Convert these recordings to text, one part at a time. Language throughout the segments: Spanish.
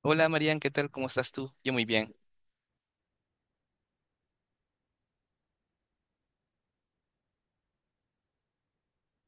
Hola Marian, ¿qué tal? ¿Cómo estás tú? Yo muy bien.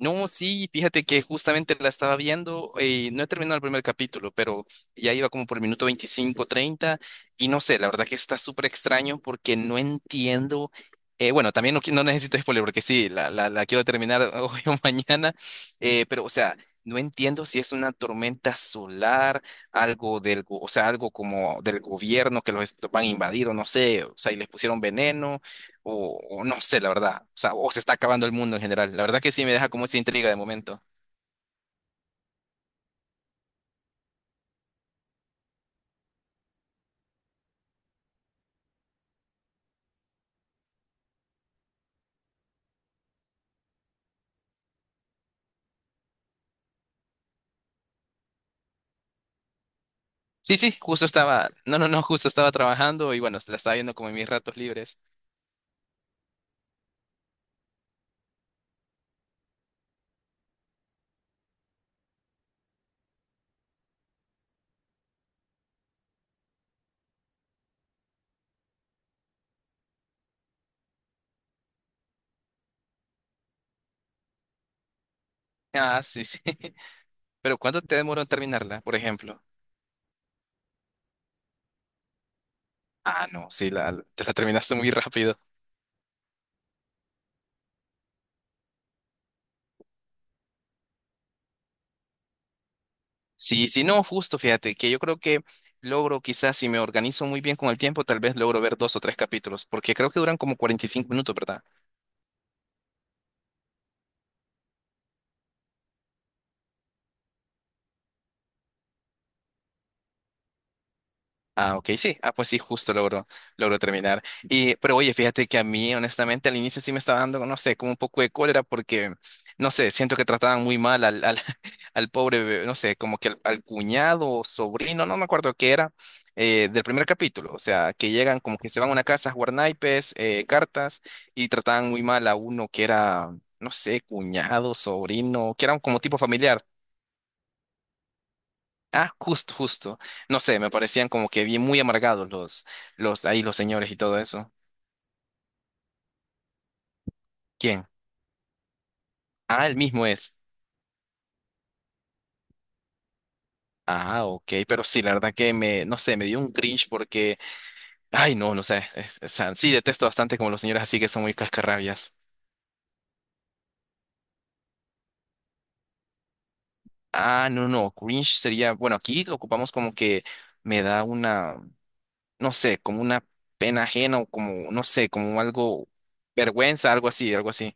No, sí, fíjate que justamente la estaba viendo y no he terminado el primer capítulo, pero ya iba como por el minuto 25, 30 y no sé, la verdad que está súper extraño porque no entiendo, bueno, también no, no necesito spoiler porque sí, la quiero terminar hoy o mañana, pero o sea, no entiendo si es una tormenta solar, algo o sea, algo como del gobierno que los van a invadir o no sé, o sea, y les pusieron veneno o no sé, la verdad. O sea, o se está acabando el mundo en general. La verdad que sí me deja como esa intriga de momento. Sí, sí, justo estaba, no, no, no, justo estaba trabajando y bueno, la estaba viendo como en mis ratos libres. Ah, sí, sí. Pero ¿cuánto te demoró en terminarla, por ejemplo? Ah, no, sí, la, te la terminaste muy rápido. Sí, sí, no, justo, fíjate, que yo creo que logro quizás si me organizo muy bien con el tiempo, tal vez logro ver dos o tres capítulos, porque creo que duran como 45 minutos, ¿verdad? Ah, ok, sí. Ah, pues sí, justo logro, logro terminar. Y, pero oye, fíjate que a mí, honestamente, al inicio sí me estaba dando, no sé, como un poco de cólera porque, no sé, siento que trataban muy mal al pobre, bebé, no sé, como que al cuñado o sobrino, no me acuerdo qué era, del primer capítulo. O sea, que llegan como que se van a una casa a jugar naipes, cartas, y trataban muy mal a uno que era, no sé, cuñado, sobrino, que era como tipo familiar. Ah, justo, justo. No sé, me parecían como que bien muy amargados ahí los señores y todo eso. ¿Quién? Ah, el mismo es. Ah, ok, pero sí, la verdad que me, no sé, me dio un cringe porque, ay, no, no sé, o sea, sí detesto bastante como los señores así que son muy cascarrabias. Ah, no, no, cringe sería, bueno, aquí lo ocupamos como que me da una, no sé, como una pena ajena o como, no sé, como algo, vergüenza, algo así, algo así.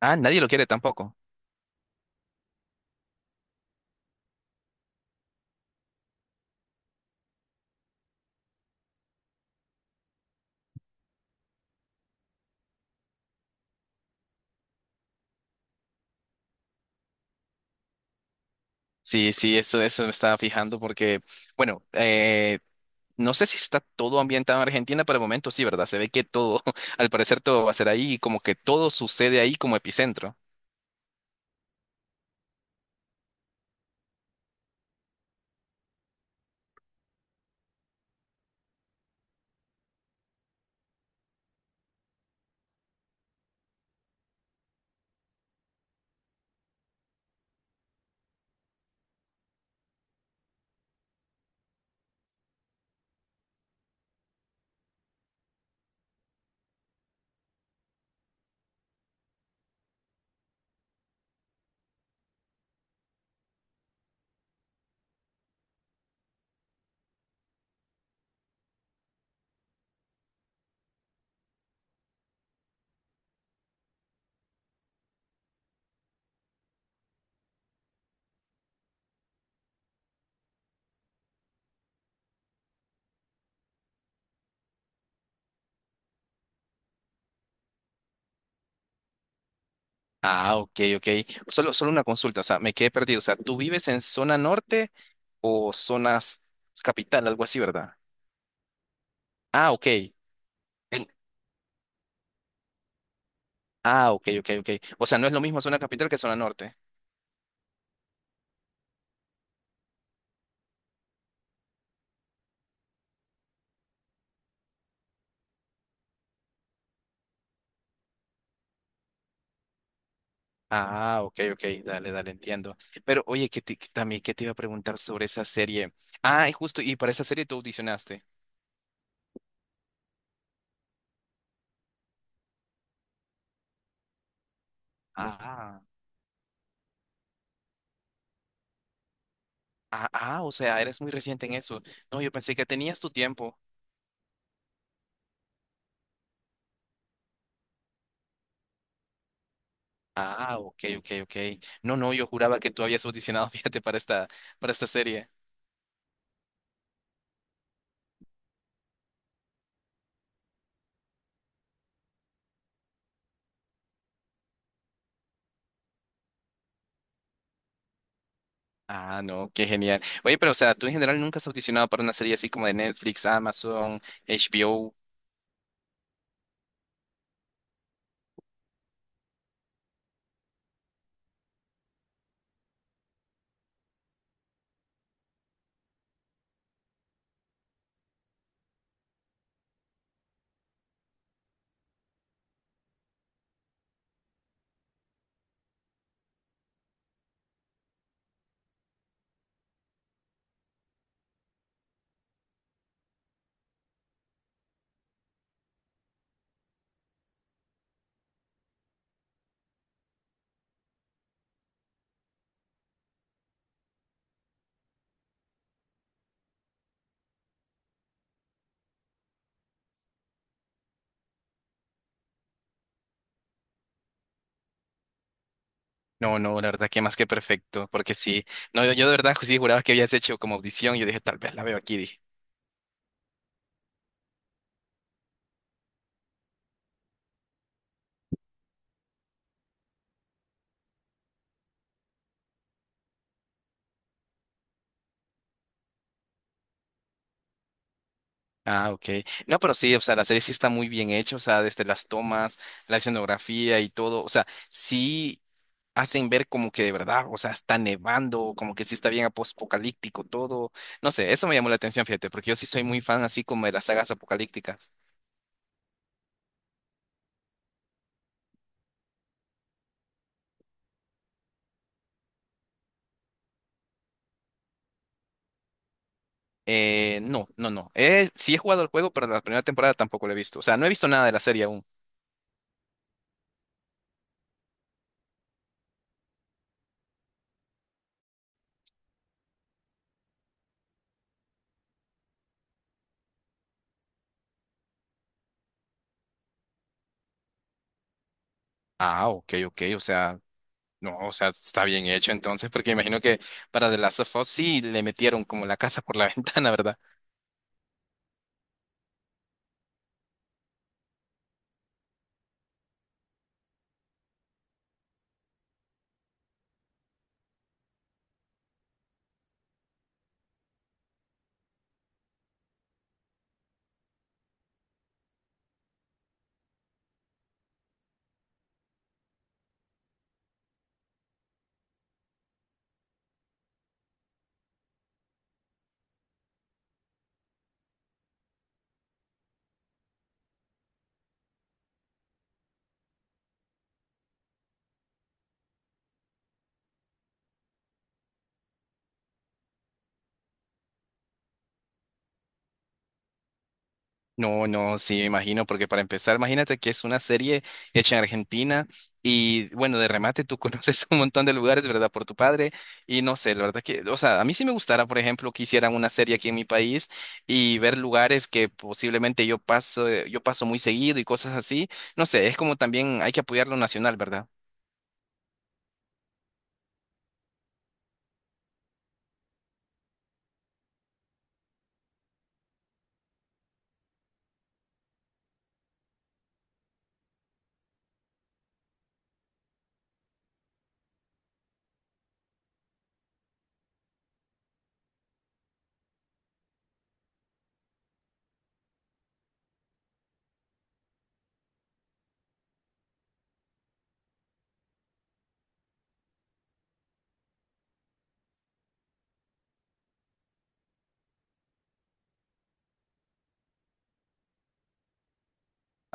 Ah, nadie lo quiere tampoco. Sí, sí, eso me estaba fijando porque, bueno, no sé si está todo ambientado en Argentina, pero de momento sí, ¿verdad? Se ve que todo, al parecer todo va a ser ahí y como que todo sucede ahí como epicentro. Ah, ok, ok. Solo, solo una consulta, o sea, me quedé perdido. O sea, ¿tú vives en zona norte o zonas capital, algo así, ¿verdad? Ah, ok. En- Ah, ok, ok, ok. O sea, no es lo mismo zona capital que zona norte. Ah, ok, ok, dale, dale, entiendo. Pero oye, que también que te iba a preguntar sobre esa serie. Ah, y justo, y para esa serie tú audicionaste. Ah, ah, ah, o sea, eres muy reciente en eso. No, yo pensé que tenías tu tiempo. Ah, ok, ok, ok. No, no, yo juraba que tú habías audicionado, fíjate, para esta serie. Ah, no, qué genial. Oye, pero o sea, tú en general nunca has audicionado para una serie así como de Netflix, Amazon, HBO. No, no, la verdad que más que perfecto, porque sí, no, yo de verdad pues sí juraba que habías hecho como audición, yo dije, tal vez la veo aquí, dije. Ah, ok. No, pero sí, o sea, la serie sí está muy bien hecha, o sea, desde las tomas, la escenografía y todo, o sea, sí hacen ver como que de verdad, o sea, está nevando, como que sí está bien apocalíptico todo. No sé, eso me llamó la atención, fíjate, porque yo sí soy muy fan así como de las sagas apocalípticas. No, no, no. Sí he jugado el juego, pero la primera temporada tampoco lo he visto, o sea, no he visto nada de la serie aún. Ah, ok, ok, o sea. No, o sea, está bien hecho entonces, porque imagino que para The Last of Us sí le metieron como la casa por la ventana, ¿verdad? No, no, sí, me imagino, porque para empezar, imagínate que es una serie hecha en Argentina y bueno, de remate tú conoces un montón de lugares, ¿verdad? Por tu padre y no sé, la verdad que, o sea, a mí sí me gustara, por ejemplo, que hicieran una serie aquí en mi país y ver lugares que posiblemente yo paso muy seguido y cosas así. No sé, es como también hay que apoyar lo nacional, ¿verdad?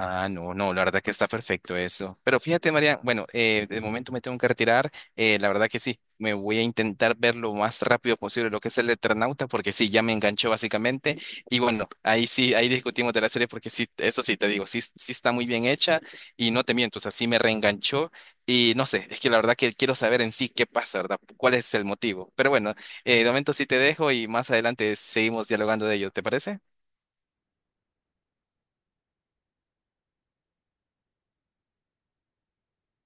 Ah, no, no, la verdad que está perfecto eso. Pero fíjate, María, bueno, de momento me tengo que retirar. La verdad que sí, me voy a intentar ver lo más rápido posible lo que es el Eternauta, porque sí, ya me enganchó básicamente. Y bueno, ahí sí, ahí discutimos de la serie, porque sí, eso sí te digo, sí, sí está muy bien hecha y no te miento, o sea, sí me reenganchó. Y no sé, es que la verdad que quiero saber en sí qué pasa, ¿verdad? ¿Cuál es el motivo? Pero bueno, de momento sí te dejo y más adelante seguimos dialogando de ello, ¿te parece?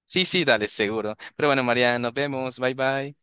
Sí, sí, dale, seguro. Pero bueno, María, nos vemos. Bye, bye.